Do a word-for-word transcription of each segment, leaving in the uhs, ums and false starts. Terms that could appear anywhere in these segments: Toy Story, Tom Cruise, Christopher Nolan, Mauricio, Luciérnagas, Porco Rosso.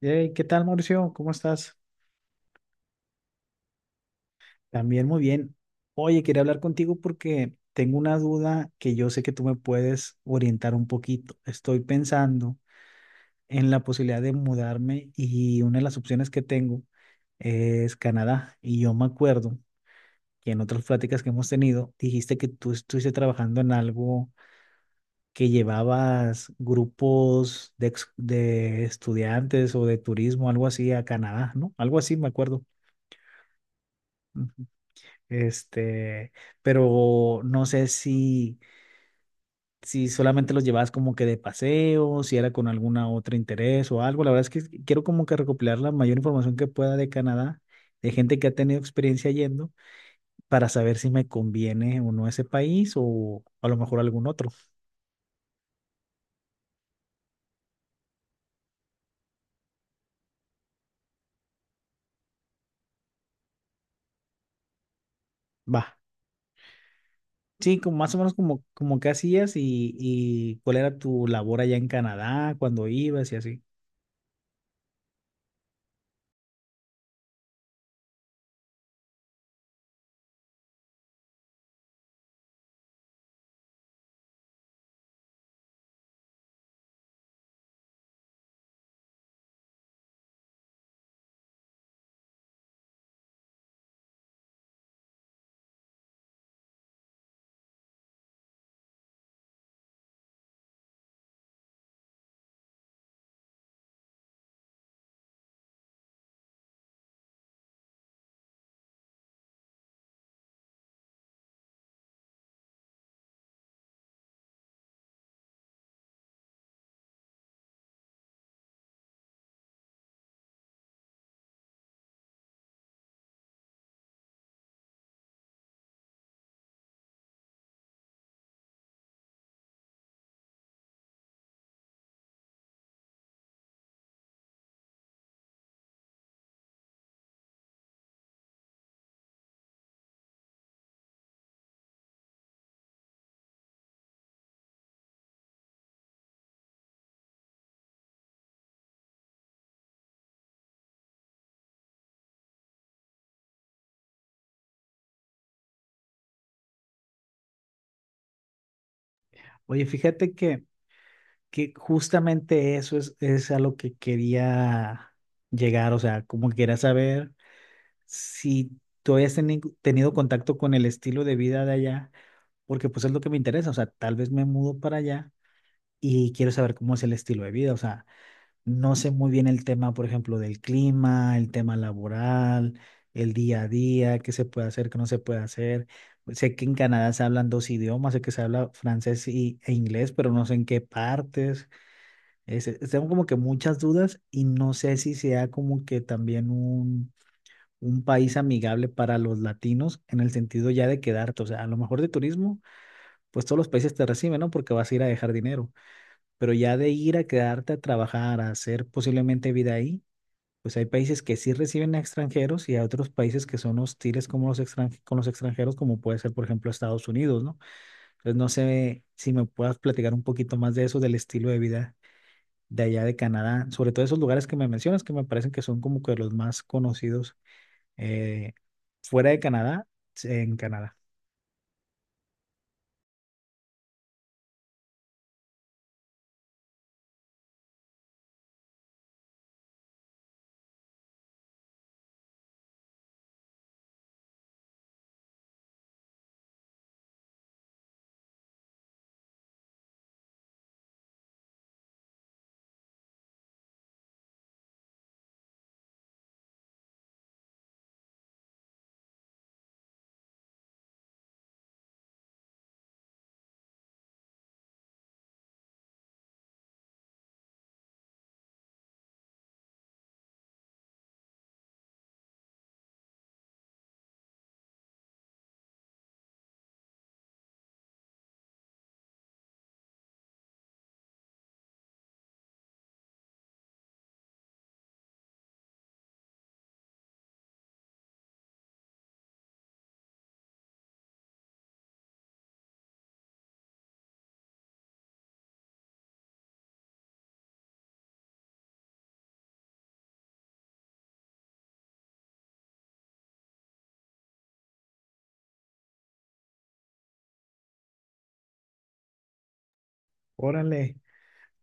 Hey, ¿qué tal, Mauricio? ¿Cómo estás? También muy bien. Oye, quería hablar contigo porque tengo una duda que yo sé que tú me puedes orientar un poquito. Estoy pensando en la posibilidad de mudarme y una de las opciones que tengo es Canadá. Y yo me acuerdo que en otras pláticas que hemos tenido, dijiste que tú estuviste trabajando en algo que llevabas grupos de, ex- de estudiantes o de turismo, algo así, a Canadá, ¿no? Algo así, me acuerdo. Este, pero no sé si, si solamente los llevabas como que de paseo, si era con alguna otra interés o algo. La verdad es que quiero como que recopilar la mayor información que pueda de Canadá, de gente que ha tenido experiencia yendo, para saber si me conviene o no ese país o a lo mejor algún otro. Va. Sí, como más o menos como, como qué hacías y, y cuál era tu labor allá en Canadá, cuando ibas y así. Oye, fíjate que que justamente eso es, es a lo que quería llegar, o sea, como que quería saber si tú habías teni- tenido contacto con el estilo de vida de allá, porque pues es lo que me interesa, o sea, tal vez me mudo para allá y quiero saber cómo es el estilo de vida, o sea, no sé muy bien el tema, por ejemplo, del clima, el tema laboral, el día a día, qué se puede hacer, qué no se puede hacer. Sé que en Canadá se hablan dos idiomas, sé que se habla francés y, e inglés, pero no sé en qué partes. Ese- tengo como que muchas dudas y no sé si sea como que también un, un país amigable para los latinos en el sentido ya de quedarte, o sea, a lo mejor de turismo, pues todos los países te reciben, ¿no? Porque vas a ir a dejar dinero, pero ya de ir a quedarte a trabajar, a hacer posiblemente vida ahí, pues hay países que sí reciben a extranjeros y hay otros países que son hostiles como los extran- con los extranjeros, como puede ser, por ejemplo, Estados Unidos, ¿no? Entonces no sé si me puedas platicar un poquito más de eso, del estilo de vida de allá de Canadá, sobre todo esos lugares que me mencionas, que me parecen que son como que los más conocidos eh, fuera de Canadá, en Canadá. Órale,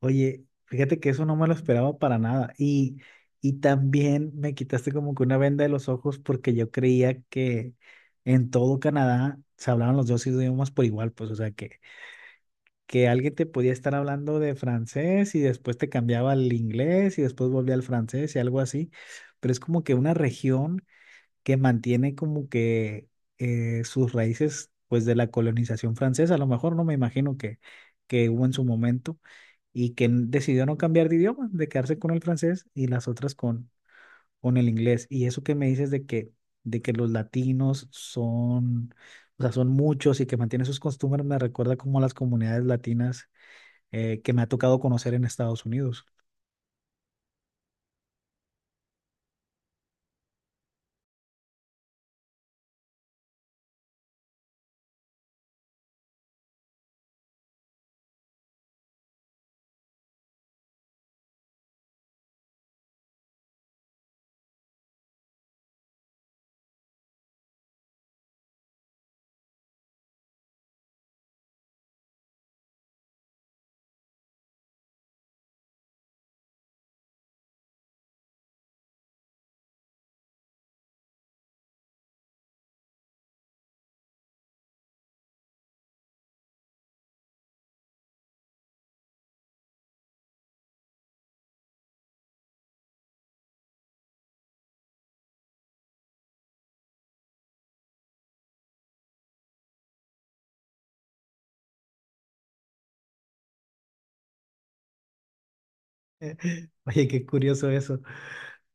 oye, fíjate que eso no me lo esperaba para nada. Y, y también me quitaste como que una venda de los ojos porque yo creía que en todo Canadá se hablaban los dos idiomas por igual, pues, o sea, que, que alguien te podía estar hablando de francés y después te cambiaba al inglés y después volvía al francés y algo así, pero es como que una región que mantiene como que eh, sus raíces pues de la colonización francesa, a lo mejor no me imagino que, que hubo en su momento y que n- decidió no cambiar de idioma, de quedarse con el francés y las otras con, con el inglés. Y eso que me dices de que, de que los latinos son, o sea, son muchos y que mantienen sus costumbres, me recuerda como a las comunidades latinas eh, que me ha tocado conocer en Estados Unidos. Oye, qué curioso eso.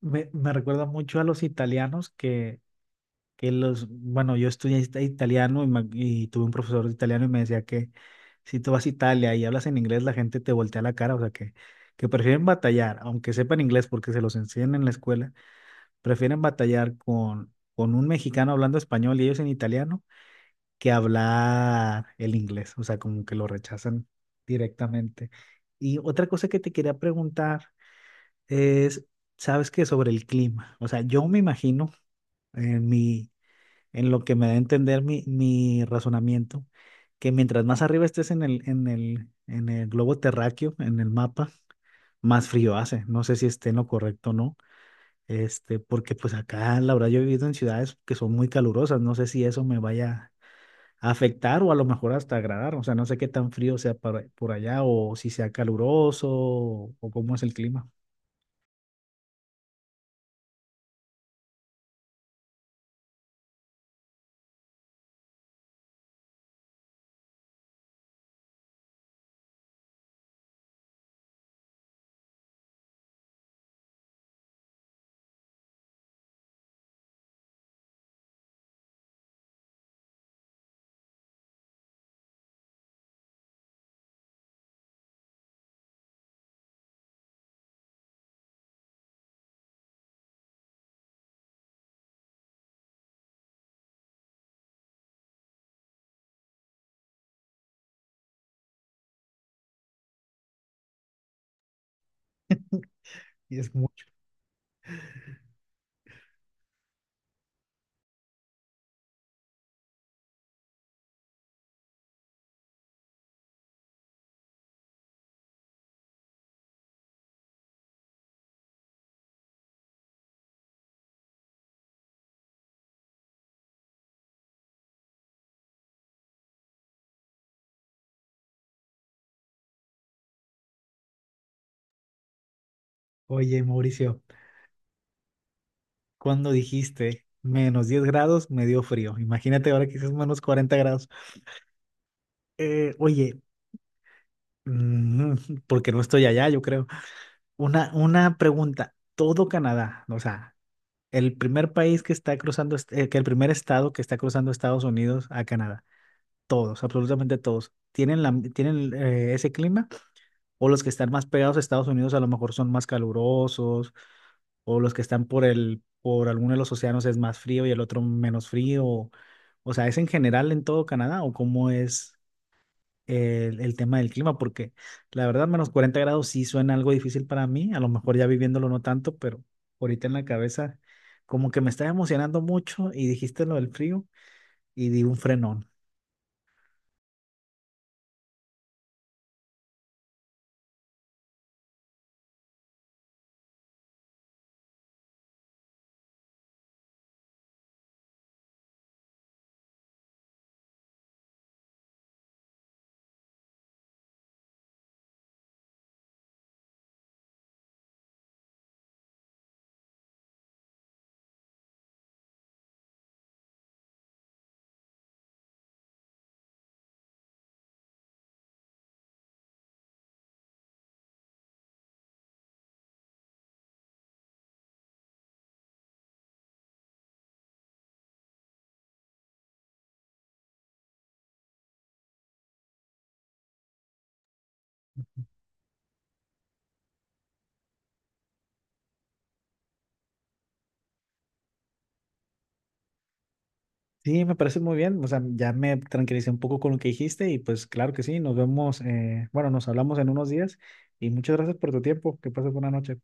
Me, me recuerda mucho a los italianos que que los, bueno, yo estudié ita- italiano y, ma- y tuve un profesor de italiano y me decía que si tú vas a Italia y hablas en inglés, la gente te voltea la cara, o sea que, que prefieren batallar, aunque sepan inglés porque se los enseñan en la escuela, prefieren batallar con, con un mexicano hablando español y ellos en italiano que hablar el inglés, o sea, como que lo rechazan directamente. Y otra cosa que te quería preguntar es, ¿sabes qué sobre el clima? O sea, yo me imagino en mi en lo que me da a entender mi, mi razonamiento, que mientras más arriba estés en el, en el, en el globo terráqueo, en el mapa, más frío hace. No sé si esté en lo correcto o no, este, porque pues acá, la verdad, yo he vivido en ciudades que son muy calurosas, no sé si eso me vaya a afectar o a lo mejor hasta agradar, o sea, no sé qué tan frío sea para- por allá o si sea caluroso o, o cómo es el clima. Y es mucho. Oye, Mauricio, cuando dijiste menos diez grados, me dio frío. Imagínate ahora que dices menos cuarenta grados. Eh, oye, mm, porque no estoy allá, yo creo. Una, una pregunta. Todo Canadá, o sea, el primer país que está cruzando, est- eh, que el primer estado que está cruzando Estados Unidos a Canadá, todos, absolutamente todos, ¿tienen la, tienen eh, ese clima? ¿O los que están más pegados a Estados Unidos a lo mejor son más calurosos? ¿O los que están por el, por alguno de los océanos es más frío y el otro menos frío? O sea, ¿es en general en todo Canadá o cómo es el, el tema del clima? Porque la verdad, menos cuarenta grados sí suena algo difícil para mí, a lo mejor ya viviéndolo no tanto, pero ahorita en la cabeza como que me estaba emocionando mucho y dijiste lo del frío y di un frenón. Sí, me parece muy bien, o sea, ya me tranquilicé un poco con lo que dijiste y pues claro que sí, nos vemos, eh, bueno, nos hablamos en unos días y muchas gracias por tu tiempo, que pases buena noche.